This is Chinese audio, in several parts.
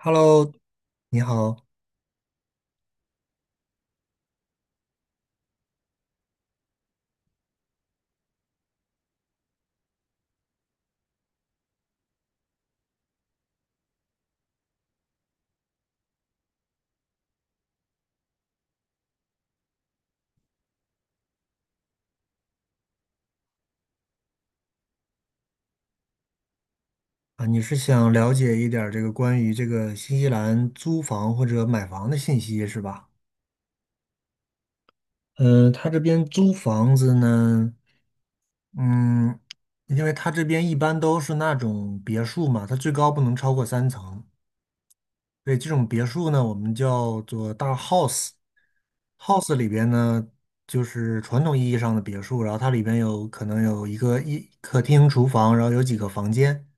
Hello，你好啊，你是想了解一点儿这个关于这个新西兰租房或者买房的信息是吧？嗯、他这边租房子呢，嗯，因为他这边一般都是那种别墅嘛，它最高不能超过三层，所以这种别墅呢，我们叫做大 house。house 里边呢，就是传统意义上的别墅，然后它里边有可能有一个客厅、厨房，然后有几个房间。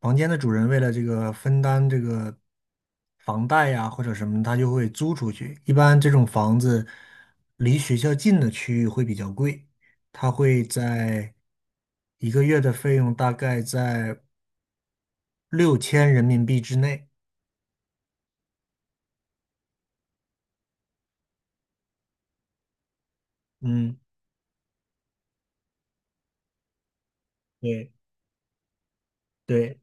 房间的主人为了这个分担这个房贷呀或者什么，他就会租出去。一般这种房子离学校近的区域会比较贵，它会在一个月的费用大概在六千人民币之内。嗯，对对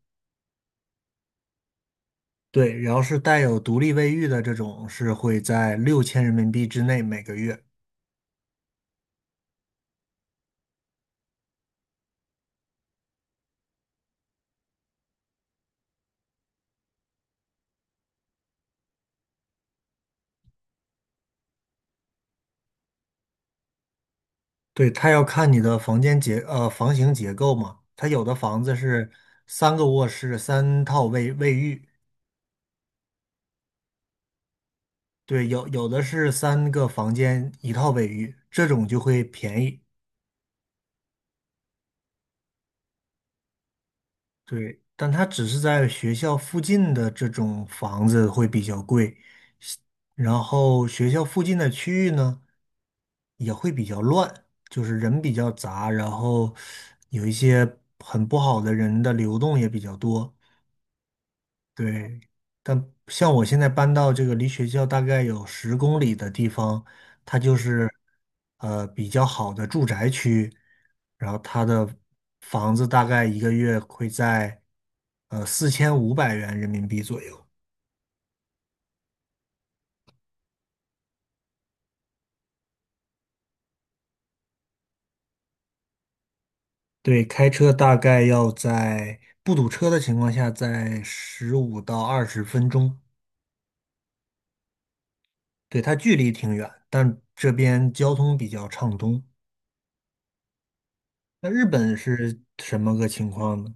对，然后是带有独立卫浴的这种是会在六千人民币之内每个月。对，它要看你的房型结构嘛，它有的房子是三个卧室三套卫浴，对，有的是三个房间一套卫浴，这种就会便宜。对，但它只是在学校附近的这种房子会比较贵，然后学校附近的区域呢也会比较乱，就是人比较杂，然后有一些很不好的人的流动也比较多。对，但像我现在搬到这个离学校大概有10公里的地方，它就是比较好的住宅区，然后它的房子大概一个月会在4500元人民币左右。对，开车大概要在不堵车的情况下，在15到20分钟。对，它距离挺远，但这边交通比较畅通。那日本是什么个情况呢？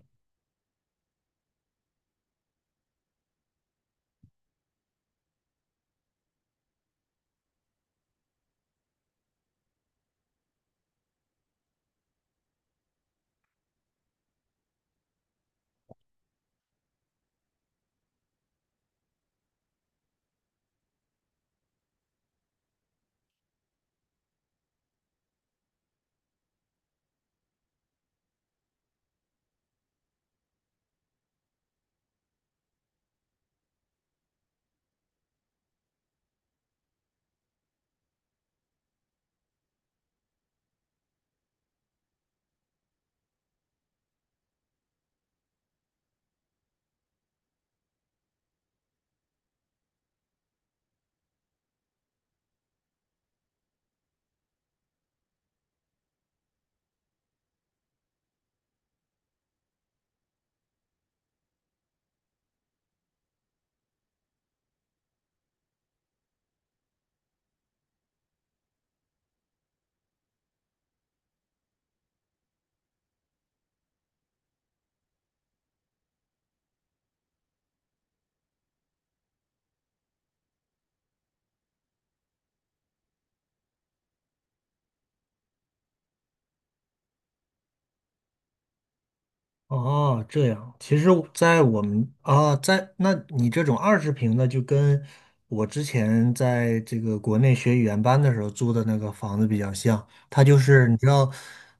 哦，这样，其实，在我们啊，在那你这种20平的，就跟我之前在这个国内学语言班的时候租的那个房子比较像。它就是你知道，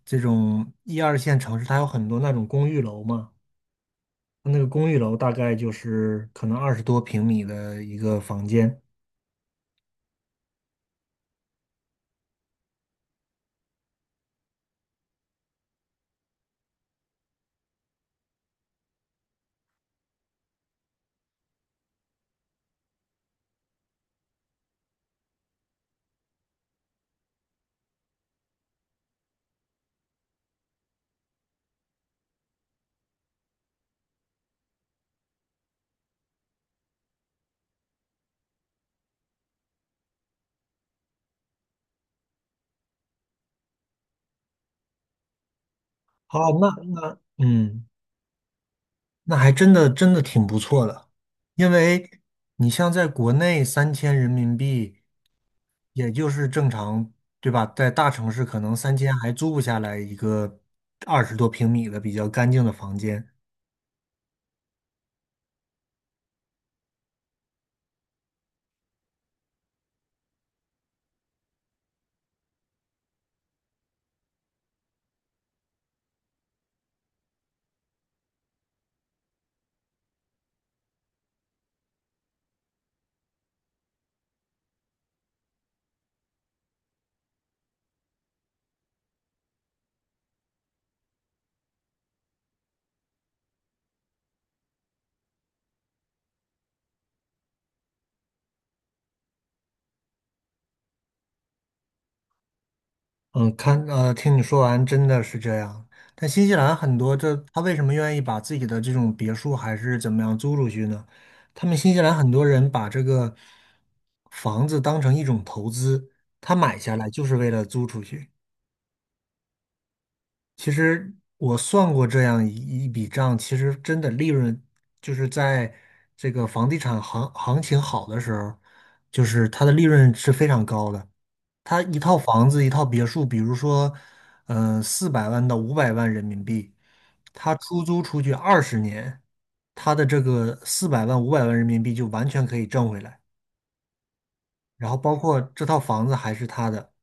这种一二线城市，它有很多那种公寓楼嘛，那个公寓楼大概就是可能二十多平米的一个房间。好，那还真的真的挺不错的，因为你像在国内3000人民币。也就是正常，对吧？在大城市可能三千还租不下来一个二十多平米的比较干净的房间。嗯，看，听你说完，真的是这样。但新西兰很多这，他为什么愿意把自己的这种别墅还是怎么样租出去呢？他们新西兰很多人把这个房子当成一种投资，他买下来就是为了租出去。其实我算过这样一笔账，其实真的利润就是在这个房地产行情好的时候，就是它的利润是非常高的。它一套房子、一套别墅，比如说，400万到500万人民币，它出租出去20年，它的这个四百万、五百万人民币就完全可以挣回来。然后包括这套房子还是他的，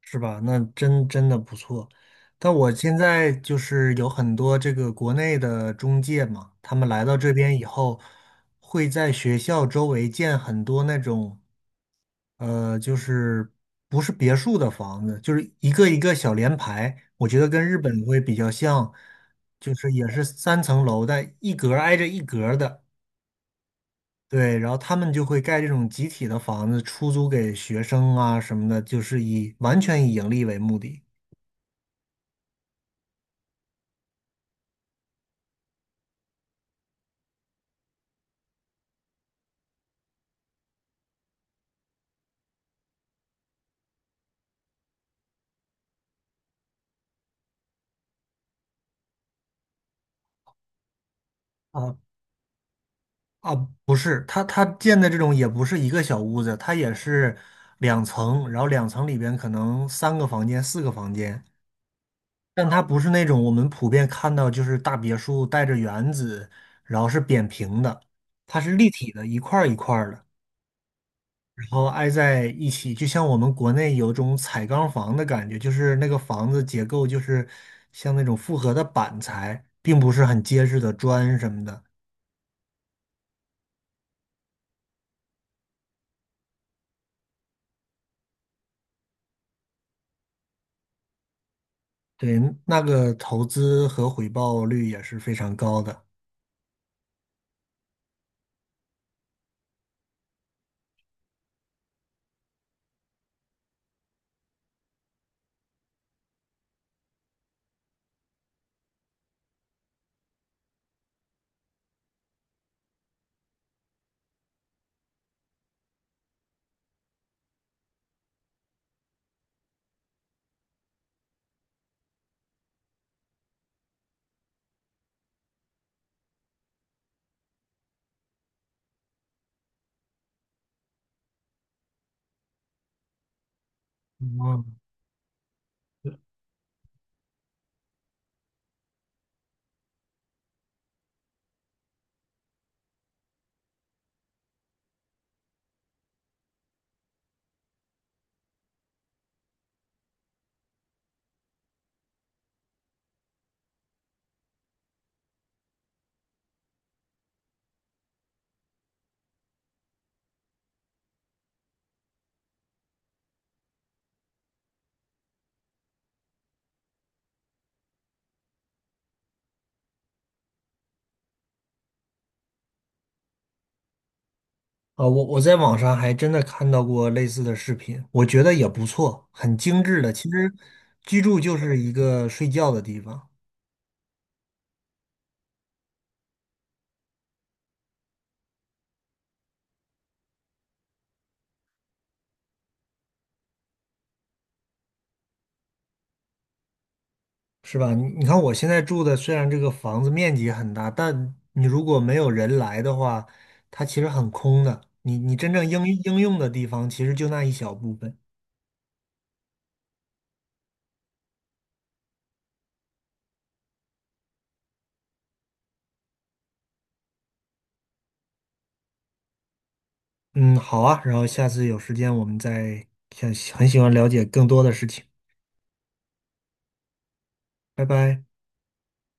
是吧？那真的不错。但我现在就是有很多这个国内的中介嘛，他们来到这边以后，会在学校周围建很多那种，就是不是别墅的房子，就是一个一个小联排。我觉得跟日本会比较像，就是也是三层楼，但一格儿挨着一格儿的。对，然后他们就会盖这种集体的房子，出租给学生啊什么的，就是以完全以盈利为目的。啊啊，不是，它建的这种也不是一个小屋子，它也是两层，然后两层里边可能三个房间、四个房间，但它不是那种我们普遍看到就是大别墅带着园子，然后是扁平的，它是立体的，一块儿一块儿的，然后挨在一起，就像我们国内有种彩钢房的感觉，就是那个房子结构就是像那种复合的板材，并不是很结实的砖什么的。对，那个投资和回报率也是非常高的。哦，啊，我在网上还真的看到过类似的视频，我觉得也不错，很精致的。其实居住就是一个睡觉的地方，是吧？你看我现在住的，虽然这个房子面积很大，但你如果没有人来的话，它其实很空的。你真正应用的地方，其实就那一小部分。嗯，好啊，然后下次有时间我们再想很喜欢了解更多的事情。拜拜。